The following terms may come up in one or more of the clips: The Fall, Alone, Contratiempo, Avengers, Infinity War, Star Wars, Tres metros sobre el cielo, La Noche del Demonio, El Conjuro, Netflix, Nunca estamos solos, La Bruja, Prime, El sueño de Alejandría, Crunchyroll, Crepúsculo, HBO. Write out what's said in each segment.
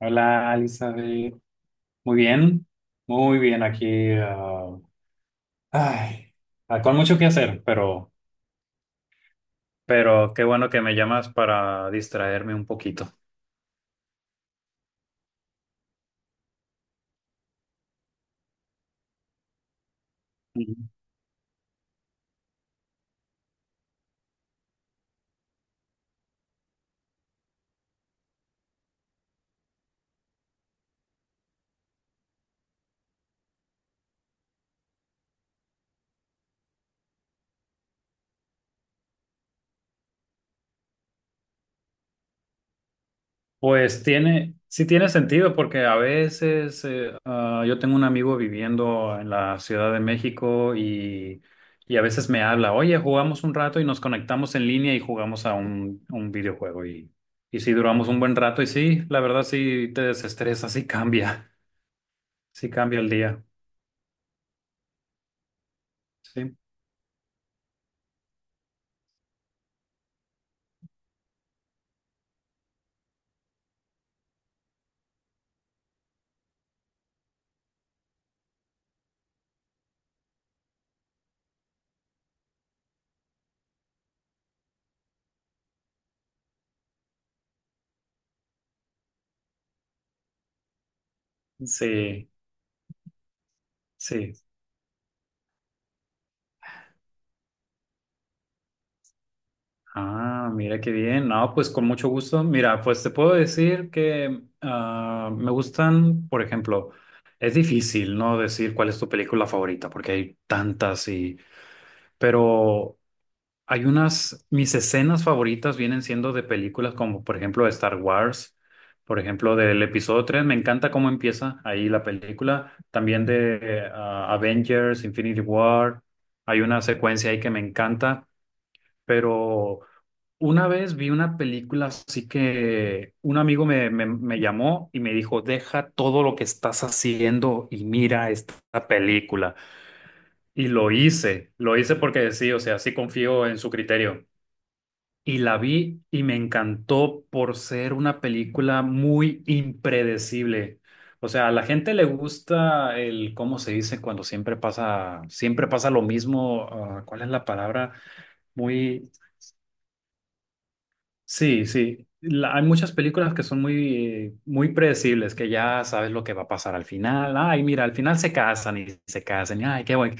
Hola, Elizabeth. Muy bien, muy bien aquí. Ay, con mucho que hacer, pero qué bueno que me llamas para distraerme un poquito. Ujú. Pues tiene, sí tiene sentido porque a veces yo tengo un amigo viviendo en la Ciudad de México y a veces me habla. Oye, jugamos un rato y nos conectamos en línea y jugamos a un videojuego, y sí duramos un buen rato y sí, la verdad sí te desestresa, sí cambia. Sí, cambia el día. Sí, sí, sí. Ah, mira qué bien. No, pues con mucho gusto. Mira, pues te puedo decir que me gustan, por ejemplo... Es difícil, ¿no? Decir cuál es tu película favorita, porque hay tantas. Pero hay unas, mis escenas favoritas vienen siendo de películas como por ejemplo Star Wars, por ejemplo del episodio 3. Me encanta cómo empieza ahí la película, también de Avengers, Infinity War, hay una secuencia ahí que me encanta. Pero una vez vi una película así que un amigo me llamó y me dijo, deja todo lo que estás haciendo y mira esta película. Y lo hice porque sí, o sea, sí confío en su criterio. Y la vi y me encantó por ser una película muy impredecible. O sea, a la gente le gusta el, ¿cómo se dice? Cuando siempre pasa lo mismo. ¿Cuál es la palabra? Muy, sí, sí. Hay muchas películas que son muy, muy predecibles, que ya sabes lo que va a pasar al final. Ay, mira, al final se casan. Y ay, qué buen,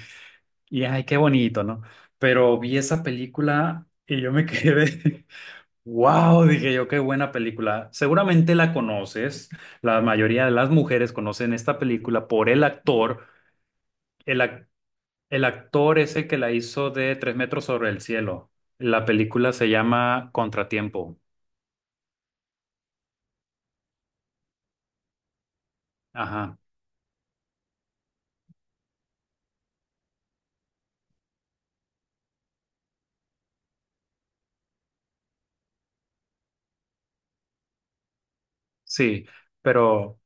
y ay, qué bonito, ¿no? Pero vi esa película y yo me quedé. Wow, dije yo, qué buena película. Seguramente la conoces. La mayoría de las mujeres conocen esta película por el actor. El, ac- el actor es el que la hizo de Tres metros sobre el cielo. La película se llama Contratiempo. Ajá, sí, pero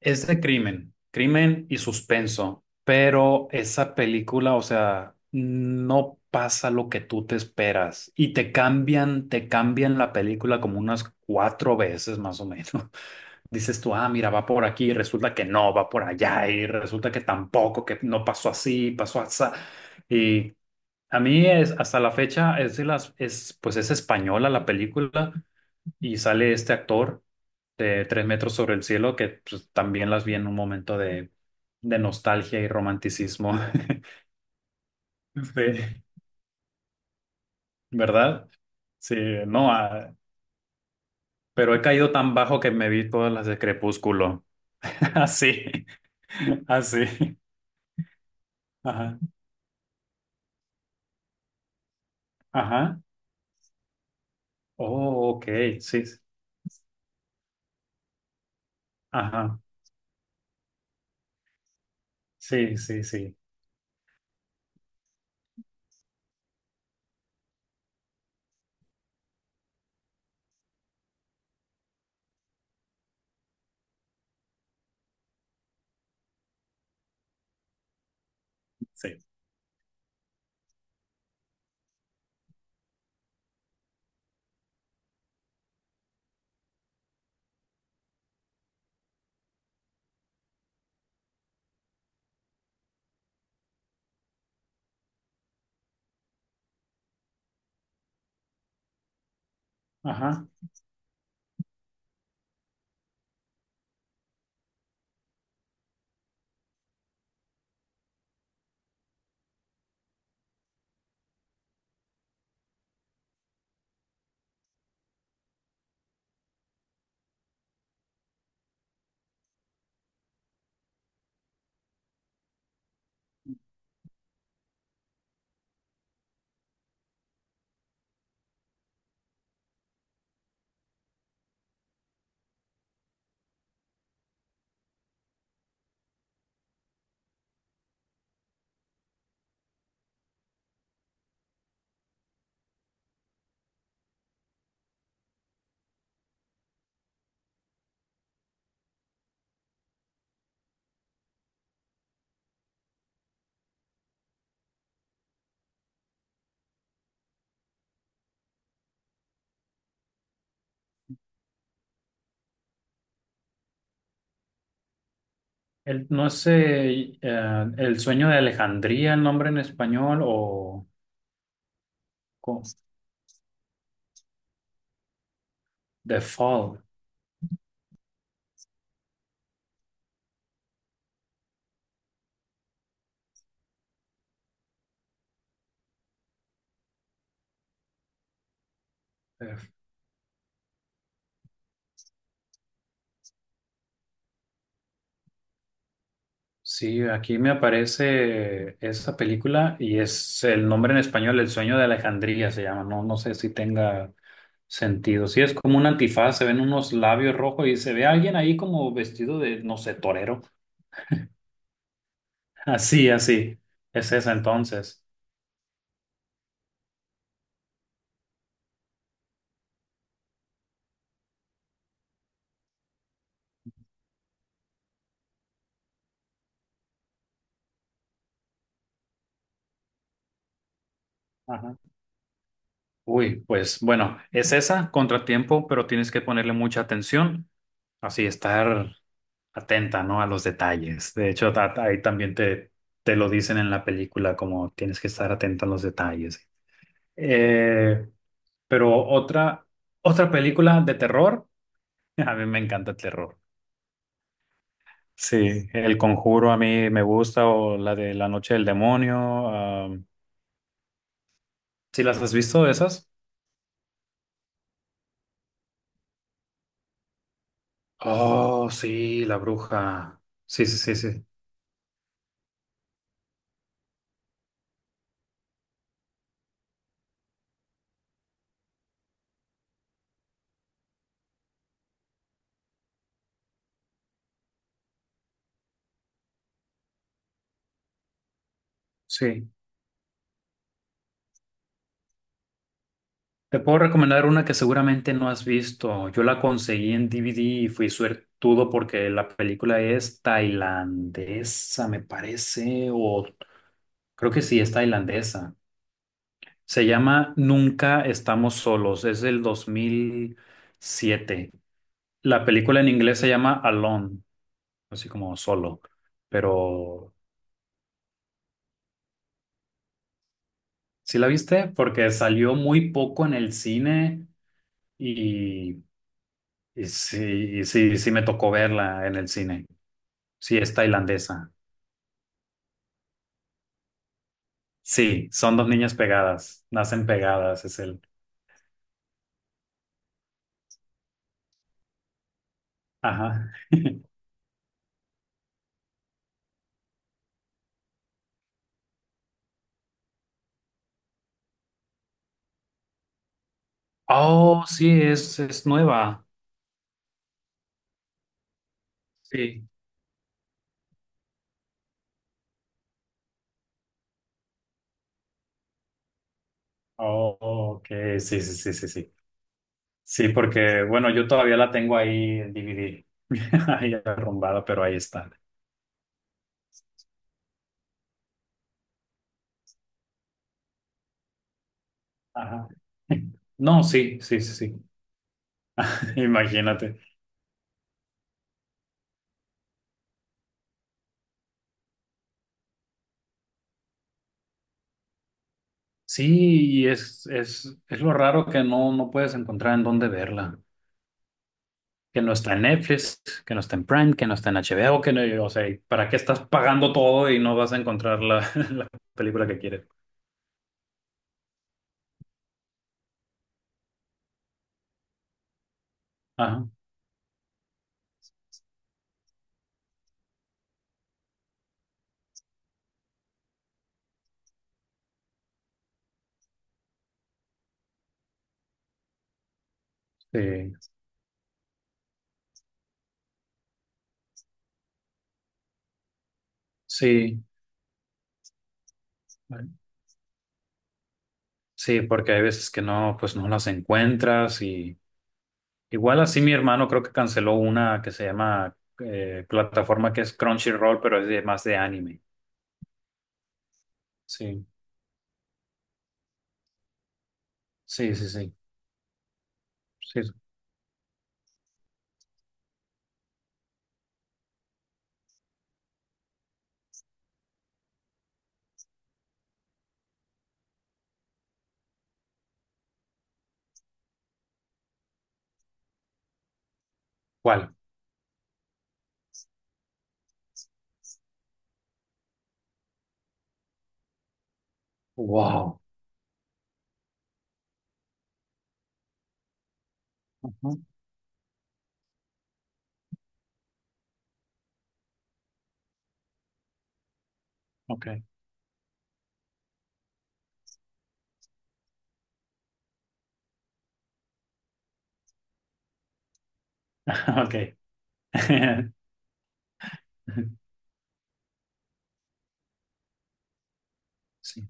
es de crimen, crimen y suspenso. Pero esa película, o sea, no pasa lo que tú te esperas y te cambian la película como unas cuatro veces más o menos. Dices tú, ah, mira, va por aquí, y resulta que no, va por allá, y resulta que tampoco, que no pasó así, pasó así. Y a mí es, hasta la fecha es de las, es, pues es española la película y sale este actor de Tres metros sobre el cielo que pues, también las vi en un momento de nostalgia y romanticismo. Sí, ¿verdad? Sí, no, ah, pero he caído tan bajo que me vi todas las de Crepúsculo. Así, así. Ajá. Ajá. Oh, ok, sí. Sí. Ajá. Sí, sí, sí, sí. Ajá. El, no sé, El sueño de Alejandría, el nombre en español, co- The Fall. Eh, Sí, aquí me aparece esa película y es el nombre en español, El sueño de Alejandría se llama. No, no sé si tenga sentido. Sí, es como un antifaz, se ven unos labios rojos y se ve alguien ahí como vestido de, no sé, torero. Así, así. Es esa entonces. Ajá. Uy, pues bueno, es esa, contratiempo, pero tienes que ponerle mucha atención, así estar atenta, ¿no? A los detalles. De hecho, ahí también te lo dicen en la película, como tienes que estar atenta a los detalles. Eh, pero otra, otra película de terror, a mí me encanta el terror. Sí, El Conjuro a mí me gusta, o la de La Noche del Demonio. Si ¿Sí las has visto esas? Oh, sí, La Bruja. Sí, sí, sí, sí. Sí. Te puedo recomendar una que seguramente no has visto. Yo la conseguí en DVD y fui suertudo porque la película es tailandesa, me parece, o creo que sí, es tailandesa. Se llama Nunca estamos solos, es del 2007. La película en inglés se llama Alone, así como solo. Pero, ¿sí la viste? Porque salió muy poco en el cine y, y sí, y sí me tocó verla en el cine. Sí, es tailandesa. Sí, son dos niñas pegadas. Nacen pegadas, es el. Ajá. Oh, sí, es nueva. Sí. Oh, ok. Sí, sí, sí, sí, sí. Sí, porque, bueno, yo todavía la tengo ahí en DVD. Ahí arrumbada, pero ahí está. Ajá. No, sí, sí, sí, sí. Imagínate. Sí, y es lo raro que no, no puedes encontrar en dónde verla. Que no está en Netflix, que no está en Prime, que no está en HBO, que no, o sea, ¿para qué estás pagando todo y no vas a encontrar la, la película que quieres? Ajá, sí, sí, sí, porque hay veces que no, pues no las encuentras. Igual así mi hermano creo que canceló una que se llama plataforma que es Crunchyroll, pero es de, más de anime. Sí, sí, sí, sí, sí. Sí. ¿Cuál? Wow. Ujú. Ok. Ok. Sí,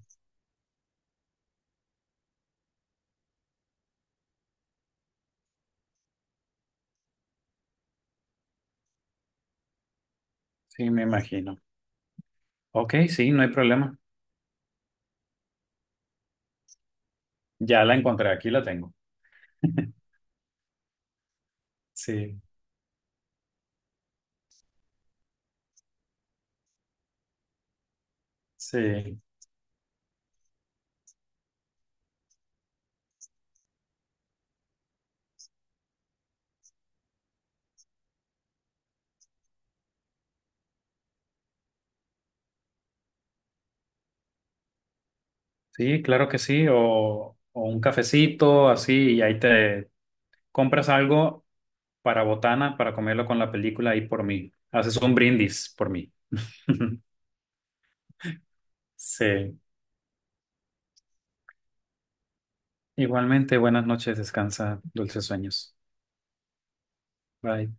sí, me imagino. Ok, sí, no hay problema. Ya la encontré, aquí la tengo. Sí, sí, sí, claro que sí. O un cafecito así y ahí te compras algo para botana, para comerlo con la película y por mí. Haces un brindis por mí. Sí. Igualmente, buenas noches, descansa, dulces sueños. Bye.